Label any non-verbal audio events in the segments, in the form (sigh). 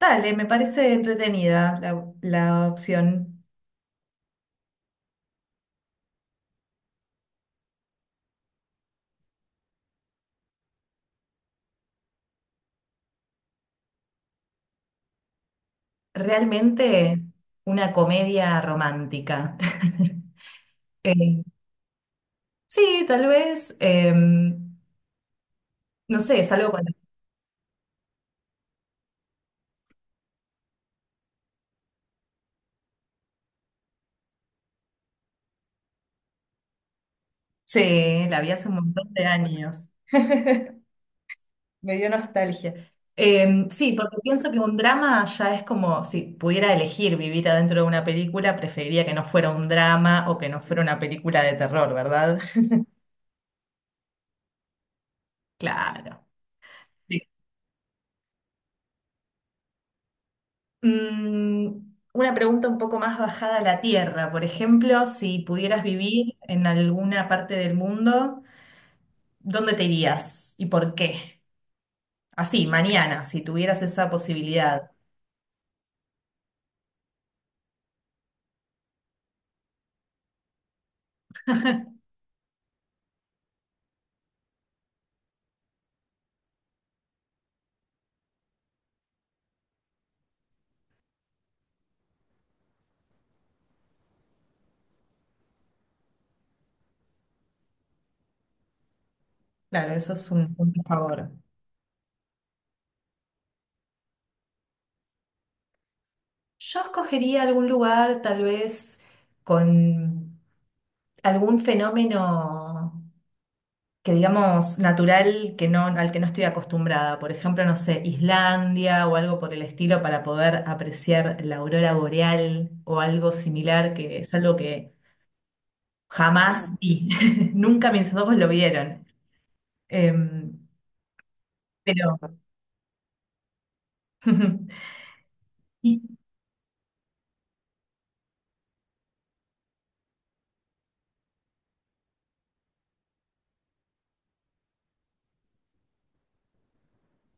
Dale, me parece entretenida la opción. Realmente una comedia romántica. (laughs) Eh, sí, tal vez, no sé, es algo cuando... Sí, la vi hace un montón de años. (laughs) Me dio nostalgia. Sí, porque pienso que un drama ya es como, si pudiera elegir vivir adentro de una película, preferiría que no fuera un drama o que no fuera una película de terror, ¿verdad? (laughs) Claro. Mm, una pregunta un poco más bajada a la tierra. Por ejemplo, si pudieras vivir en alguna parte del mundo, ¿dónde te irías y por qué? Así, mañana, si tuvieras esa posibilidad. Claro, eso es un punto a favor. Yo escogería algún lugar, tal vez, con algún fenómeno. Que digamos natural que no, al que no estoy acostumbrada. Por ejemplo, no sé, Islandia o algo por el estilo para poder apreciar la aurora boreal o algo similar, que es algo que jamás vi. (laughs) Nunca mis ojos lo vieron. Em, pero (laughs) y-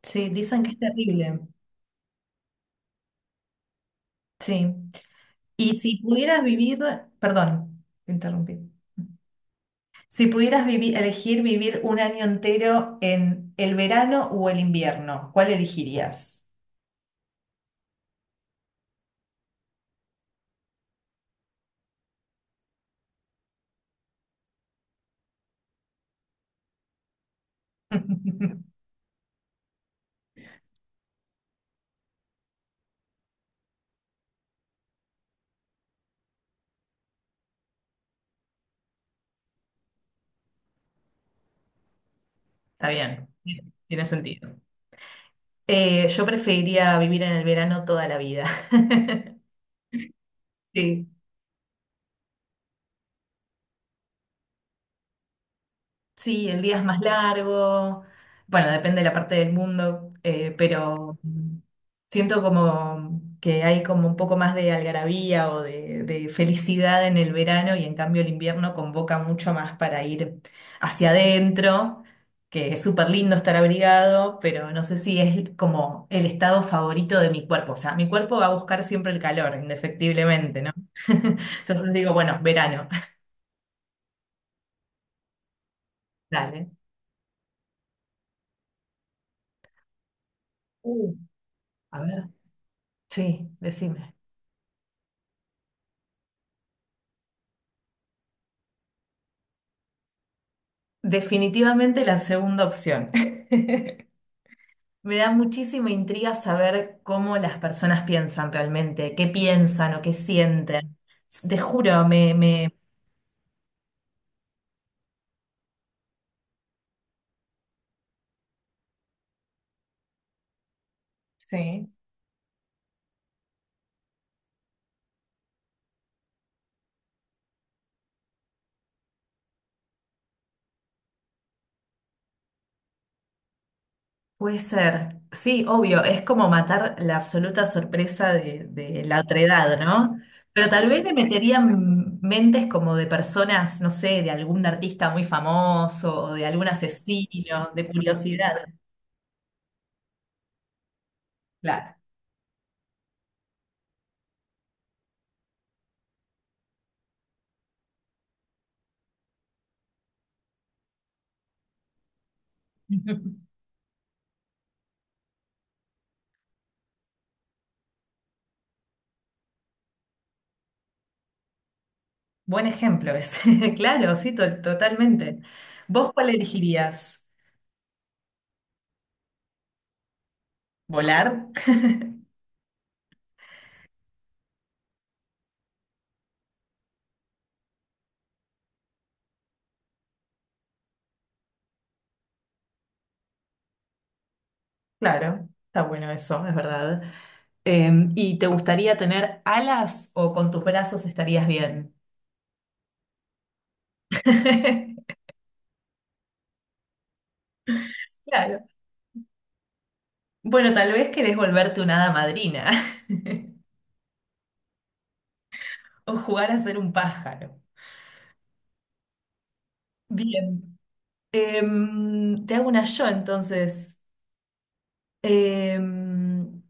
sí, dicen que es terrible. Sí. Y si pudieras vivir, perdón, te interrumpí. Si elegir vivir un año entero en el verano o el invierno, ¿cuál elegirías? (laughs) Está bien, tiene sentido. Yo preferiría vivir en el verano toda la vida. (laughs) Sí. Sí, el día es más largo. Bueno, depende de la parte del mundo, pero siento como que hay como un poco más de algarabía o de felicidad en el verano y en cambio el invierno convoca mucho más para ir hacia adentro, que es súper lindo estar abrigado, pero no sé si es como el estado favorito de mi cuerpo. O sea, mi cuerpo va a buscar siempre el calor, indefectiblemente, ¿no? (laughs) Entonces digo, bueno, verano. (laughs) Dale. Uh, a ver. Sí, decime. Definitivamente la segunda opción. (laughs) Me da muchísima intriga saber cómo las personas piensan realmente, qué piensan o qué sienten. Te juro, me... Sí. Puede ser. Sí, obvio, es como matar la absoluta sorpresa de la otra edad, ¿no? Pero tal vez me meterían mentes como de personas, no sé, de algún artista muy famoso o de algún asesino, de curiosidad. Claro. (laughs) Buen ejemplo ese. (laughs) Claro, sí, totalmente. ¿Vos cuál elegirías? ¿Volar? Claro, está bueno eso, es verdad. Eh, ¿Y te gustaría tener alas o con tus brazos estarías bien? (laughs) Claro. Bueno, tal vez querés volverte una hada madrina (laughs) o jugar a ser un pájaro. Bien. Te hago una yo entonces. Em,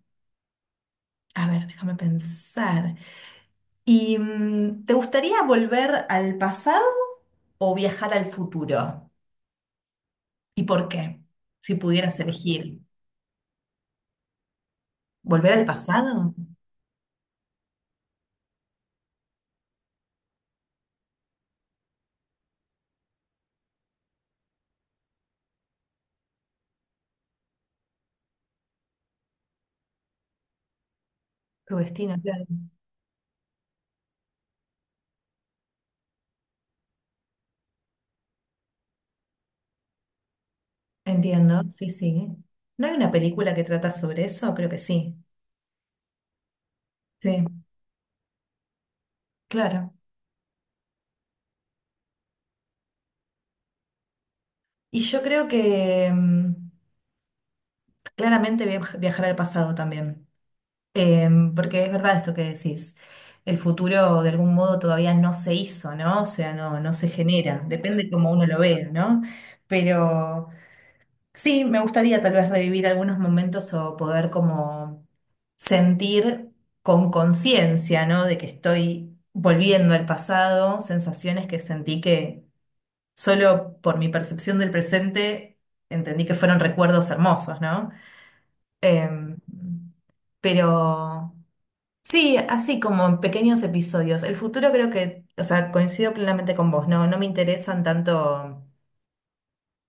a ver, déjame pensar. ¿Y te gustaría volver al pasado o viajar al futuro? ¿Y por qué? Si pudieras elegir, ¿volver al pasado? Tu destino, claro. Entiendo, sí, sí. ¿No hay una película que trata sobre eso? Creo que sí. Sí, claro. Y yo creo que claramente viajar al pasado también. Porque es verdad esto que decís. El futuro de algún modo todavía no se hizo, ¿no? O sea, no, no se genera. Depende cómo uno lo vea, ¿no? Pero sí, me gustaría tal vez revivir algunos momentos o poder como sentir con conciencia, ¿no? De que estoy volviendo al pasado, sensaciones que sentí que solo por mi percepción del presente entendí que fueron recuerdos hermosos, ¿no? Em, pero sí, así como en pequeños episodios. El futuro creo que, o sea, coincido plenamente con vos, ¿no? No me interesan tanto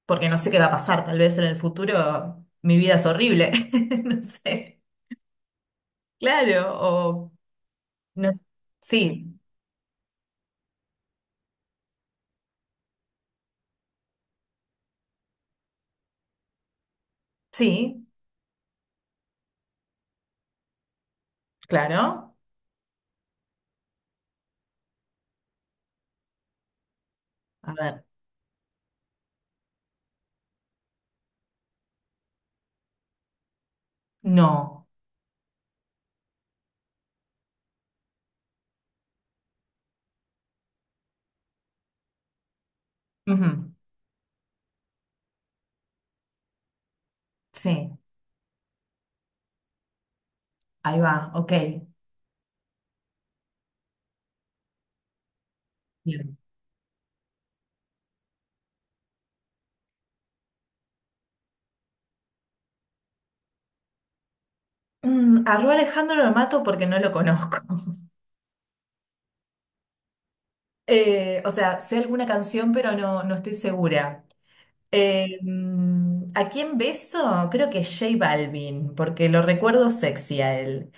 porque no sé qué va a pasar, tal vez en el futuro mi vida es horrible, (laughs) no sé. Claro, o no sé. Sí, sí, claro. A ver, no. Ujú, sí, ahí va, ok. Bien. Mm, a Ru Alejandro lo mato porque no lo conozco. (laughs) O sea, sé alguna canción, pero no, no estoy segura. ¿A quién beso? Creo que J Balvin, porque lo recuerdo sexy a él.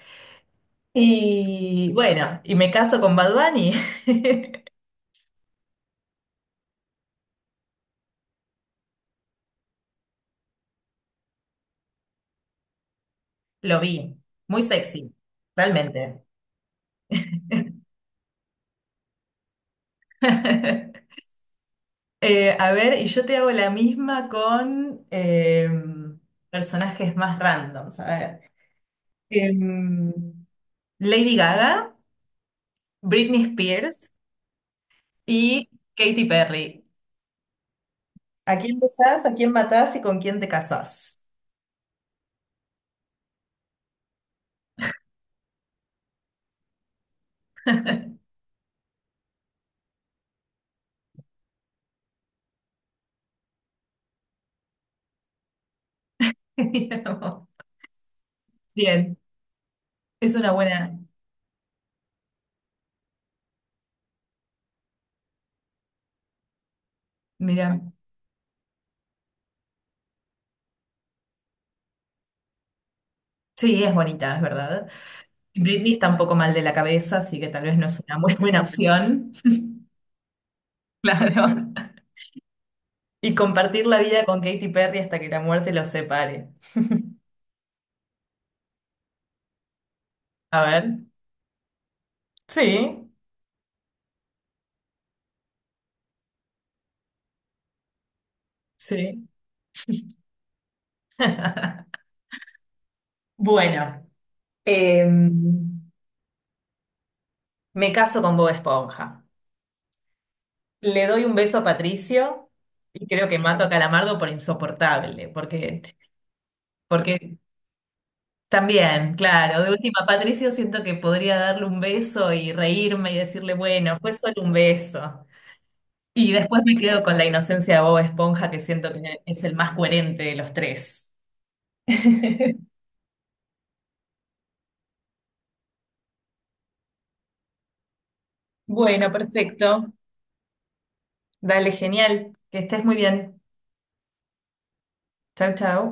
Y bueno, y me caso con Bad Bunny. (laughs) Lo vi, muy sexy, realmente. (laughs) A ver, y yo te hago la misma con personajes más randoms. A ver. Em, Lady Gaga, Britney Spears y Katy Perry. ¿A quién besás, a quién matás y con quién te casás? (laughs) Bien, es una buena. Mira, sí, es bonita, es verdad. Britney está un poco mal de la cabeza, así que tal vez no es una muy buena opción. (laughs) Claro. Y compartir la vida con Katy Perry hasta que la muerte los separe. A ver. Sí, sí. Bueno, em, me caso con Bob Esponja. Le doy un beso a Patricio y creo que mato a Calamardo por insoportable, porque, porque también, claro, de última, Patricio siento que podría darle un beso y reírme y decirle, bueno, fue solo un beso. Y después me quedo con la inocencia de Bob Esponja, que siento que es el más coherente de los tres. (laughs) Bueno, perfecto. Dale, genial. Que estés muy bien. Chau, chau.